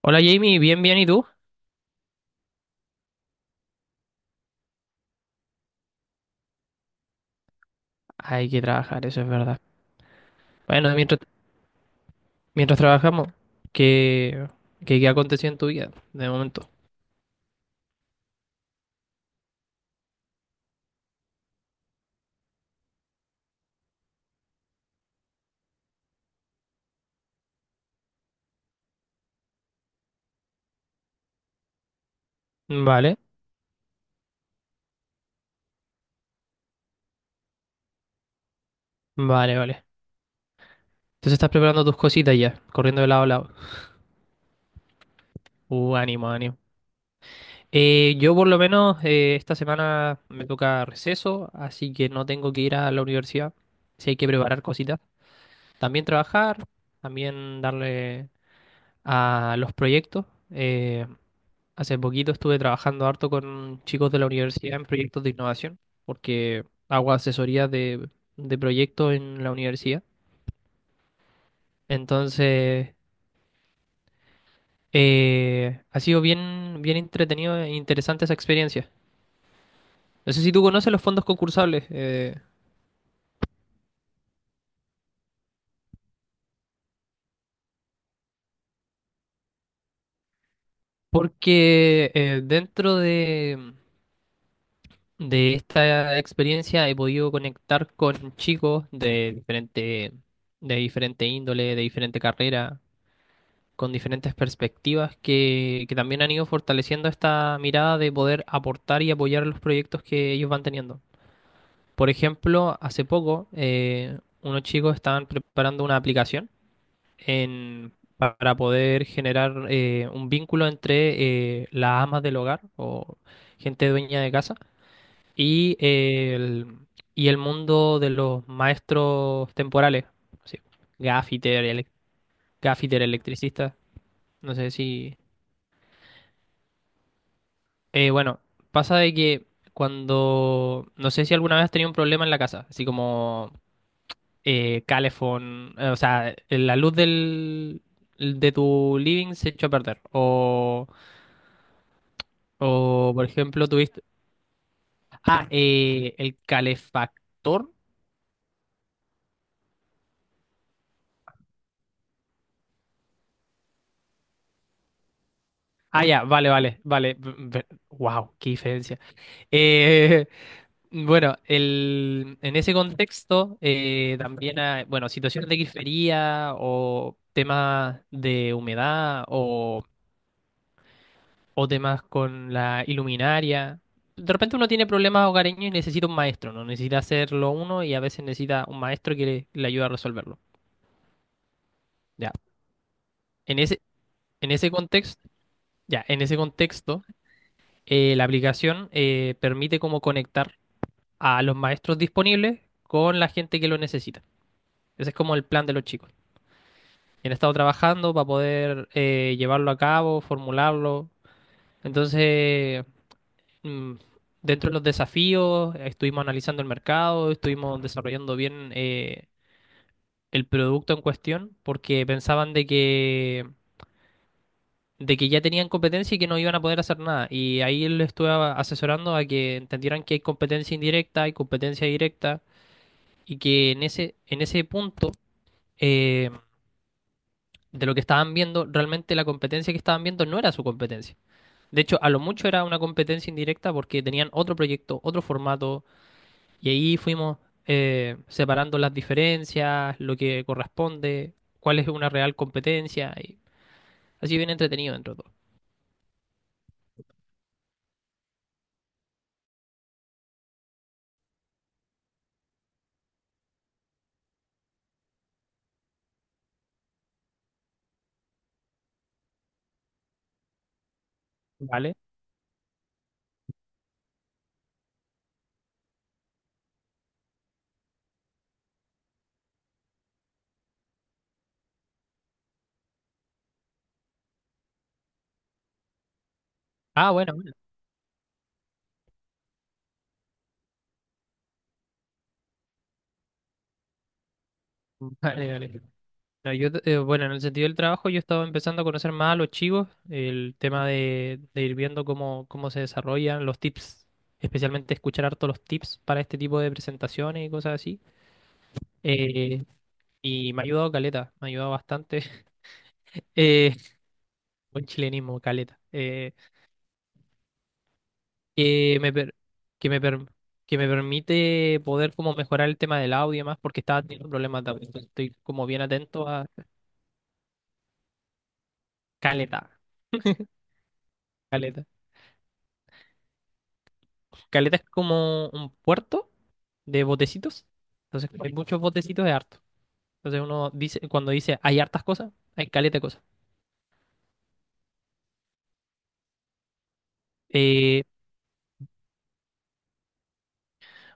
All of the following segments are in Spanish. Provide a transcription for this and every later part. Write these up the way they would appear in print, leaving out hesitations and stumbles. Hola Jamie, bien, bien, ¿y tú? Hay que trabajar, eso es verdad. Bueno, mientras, mientras trabajamos, ¿qué, qué aconteció en tu vida de momento? Vale, vale, vale. Entonces estás preparando tus cositas ya, corriendo de lado a lado. Ánimo, ánimo. Yo por lo menos esta semana me toca receso, así que no tengo que ir a la universidad. Sí hay que preparar cositas. También trabajar, también darle a los proyectos. Hace poquito estuve trabajando harto con chicos de la universidad en proyectos de innovación, porque hago asesoría de proyectos en la universidad. Entonces, ha sido bien, bien entretenido e interesante esa experiencia. No sé si tú conoces los fondos concursables. Porque dentro de esta experiencia he podido conectar con chicos de diferente índole, de diferente carrera con diferentes perspectivas que también han ido fortaleciendo esta mirada de poder aportar y apoyar los proyectos que ellos van teniendo. Por ejemplo, hace poco unos chicos estaban preparando una aplicación en, para poder generar un vínculo entre las amas del hogar o gente dueña de casa y, y el mundo de los maestros temporales, así, gaffiter, gaffiter, electricista, no sé si... bueno, pasa de que cuando, no sé si alguna vez has tenido un problema en la casa, así como calefón, o sea, la luz de tu living se echó a perder, o por ejemplo tuviste, ah, el calefactor, ah, ya, vale, vale, vale, wow, qué diferencia. Eh, en ese contexto también hay, bueno, situaciones de grifería o temas de humedad o temas con la iluminaria. De repente uno tiene problemas hogareños y necesita un maestro, ¿no? Necesita hacerlo uno y a veces necesita un maestro que le ayude a resolverlo. Ya. En ese, en ese contexto, ya, en ese contexto, la aplicación permite como conectar a los maestros disponibles con la gente que lo necesita. Ese es como el plan de los chicos. Han estado trabajando para poder llevarlo a cabo, formularlo. Entonces, mm, dentro de los desafíos, estuvimos analizando el mercado, estuvimos desarrollando bien el producto en cuestión, porque pensaban de que ya tenían competencia y que no iban a poder hacer nada. Y ahí les estuve asesorando a que entendieran que hay competencia indirecta, hay competencia directa, y que en ese punto eh, de lo que estaban viendo, realmente la competencia que estaban viendo no era su competencia. De hecho, a lo mucho era una competencia indirecta porque tenían otro proyecto, otro formato, y ahí fuimos separando las diferencias, lo que corresponde, cuál es una real competencia, y así bien entretenido dentro de todo. ¿Vale? Ah, bueno, bueno. Vale, vale. No, yo, bueno, en el sentido del trabajo, yo estaba empezando a conocer más a los chicos, el tema de ir viendo cómo, cómo se desarrollan los tips, especialmente escuchar harto los tips para este tipo de presentaciones y cosas así. Eh, Y me ha ayudado caleta, me ha ayudado bastante. Eh, buen chilenismo, caleta. Que me, per- que me, per- que me permite poder como mejorar el tema del audio y demás, porque estaba teniendo problemas de audio. Entonces estoy como bien atento a caleta, caleta. Caleta es como un puerto de botecitos. Entonces, como hay muchos botecitos de harto. Entonces uno dice, cuando dice hay hartas cosas, hay caleta de cosas. eh,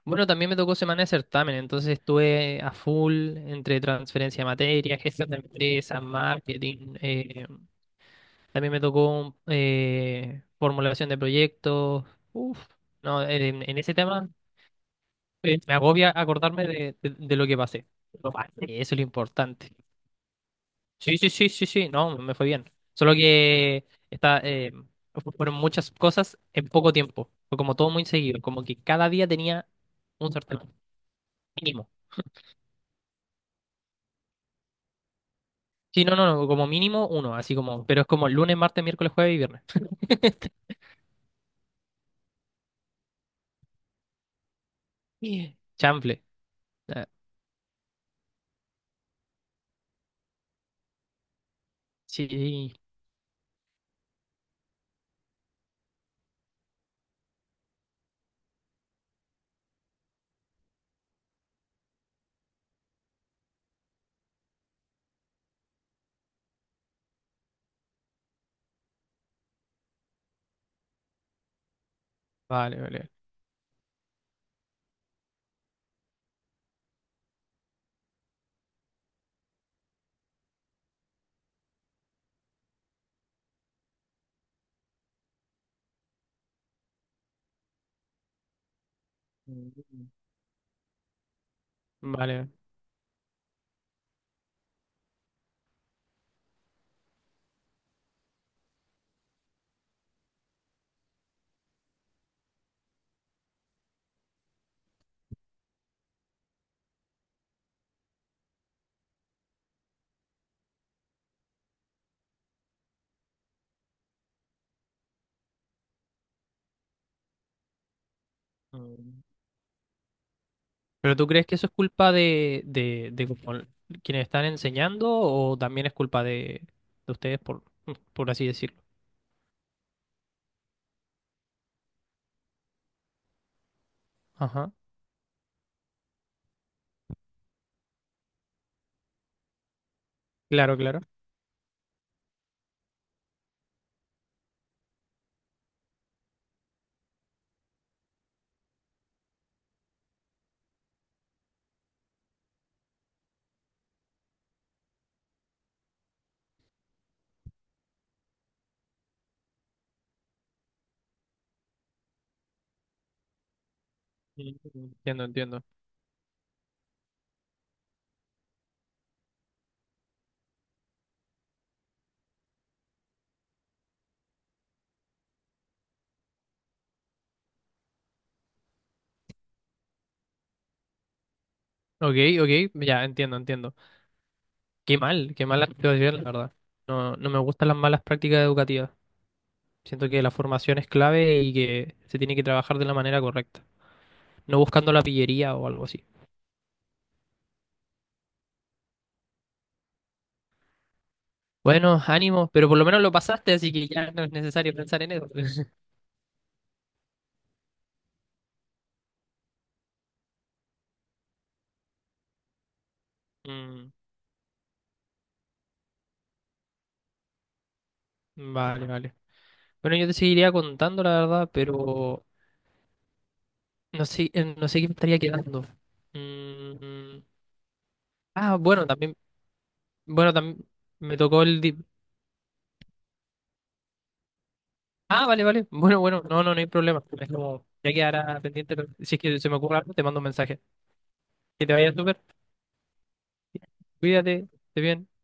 Bueno, también me tocó semana de certamen, entonces estuve a full entre transferencia de materia, gestión de empresas, marketing. También me tocó formulación de proyectos. Uf, no, en ese tema me agobia acordarme de lo que pasé. Lo pasé, eso es lo importante. Sí, sí, sí, sí, sí, no, me fue bien. Solo que está, fueron muchas cosas en poco tiempo. Fue como todo muy seguido, como que cada día tenía un certamen mínimo. Sí, no, no, no, como mínimo uno, así como, pero es como lunes, martes, miércoles, jueves y viernes. Chanfle. Ah, sí, vale, vale. Mm. Vale. Mm. ¿Pero tú crees que eso es culpa de como quienes están enseñando o también es culpa de ustedes, por así decirlo? Ajá, claro, claro. Mm, entiendo, entiendo. Ok, ok, ya entiendo, entiendo. Qué mal, qué mala situación, la verdad. No, no me gustan las malas prácticas educativas. Siento que la formación es clave y que se tiene que trabajar de la manera correcta, no buscando la pillería o algo así. Bueno, ánimo, pero por lo menos lo pasaste, así que ya no es necesario pensar en eso. Mm, vale, vale. Bueno, yo te seguiría contando, la verdad, pero no sé, no sé qué me estaría quedando. Mm, ah, bueno, también me tocó el... Ah, vale, vale. Bueno, bueno, no, no, no hay problema. Es como, ya quedará pendiente, pero si es que se me ocurre algo, te mando un mensaje. Que te vaya súper, cuídate, esté bien.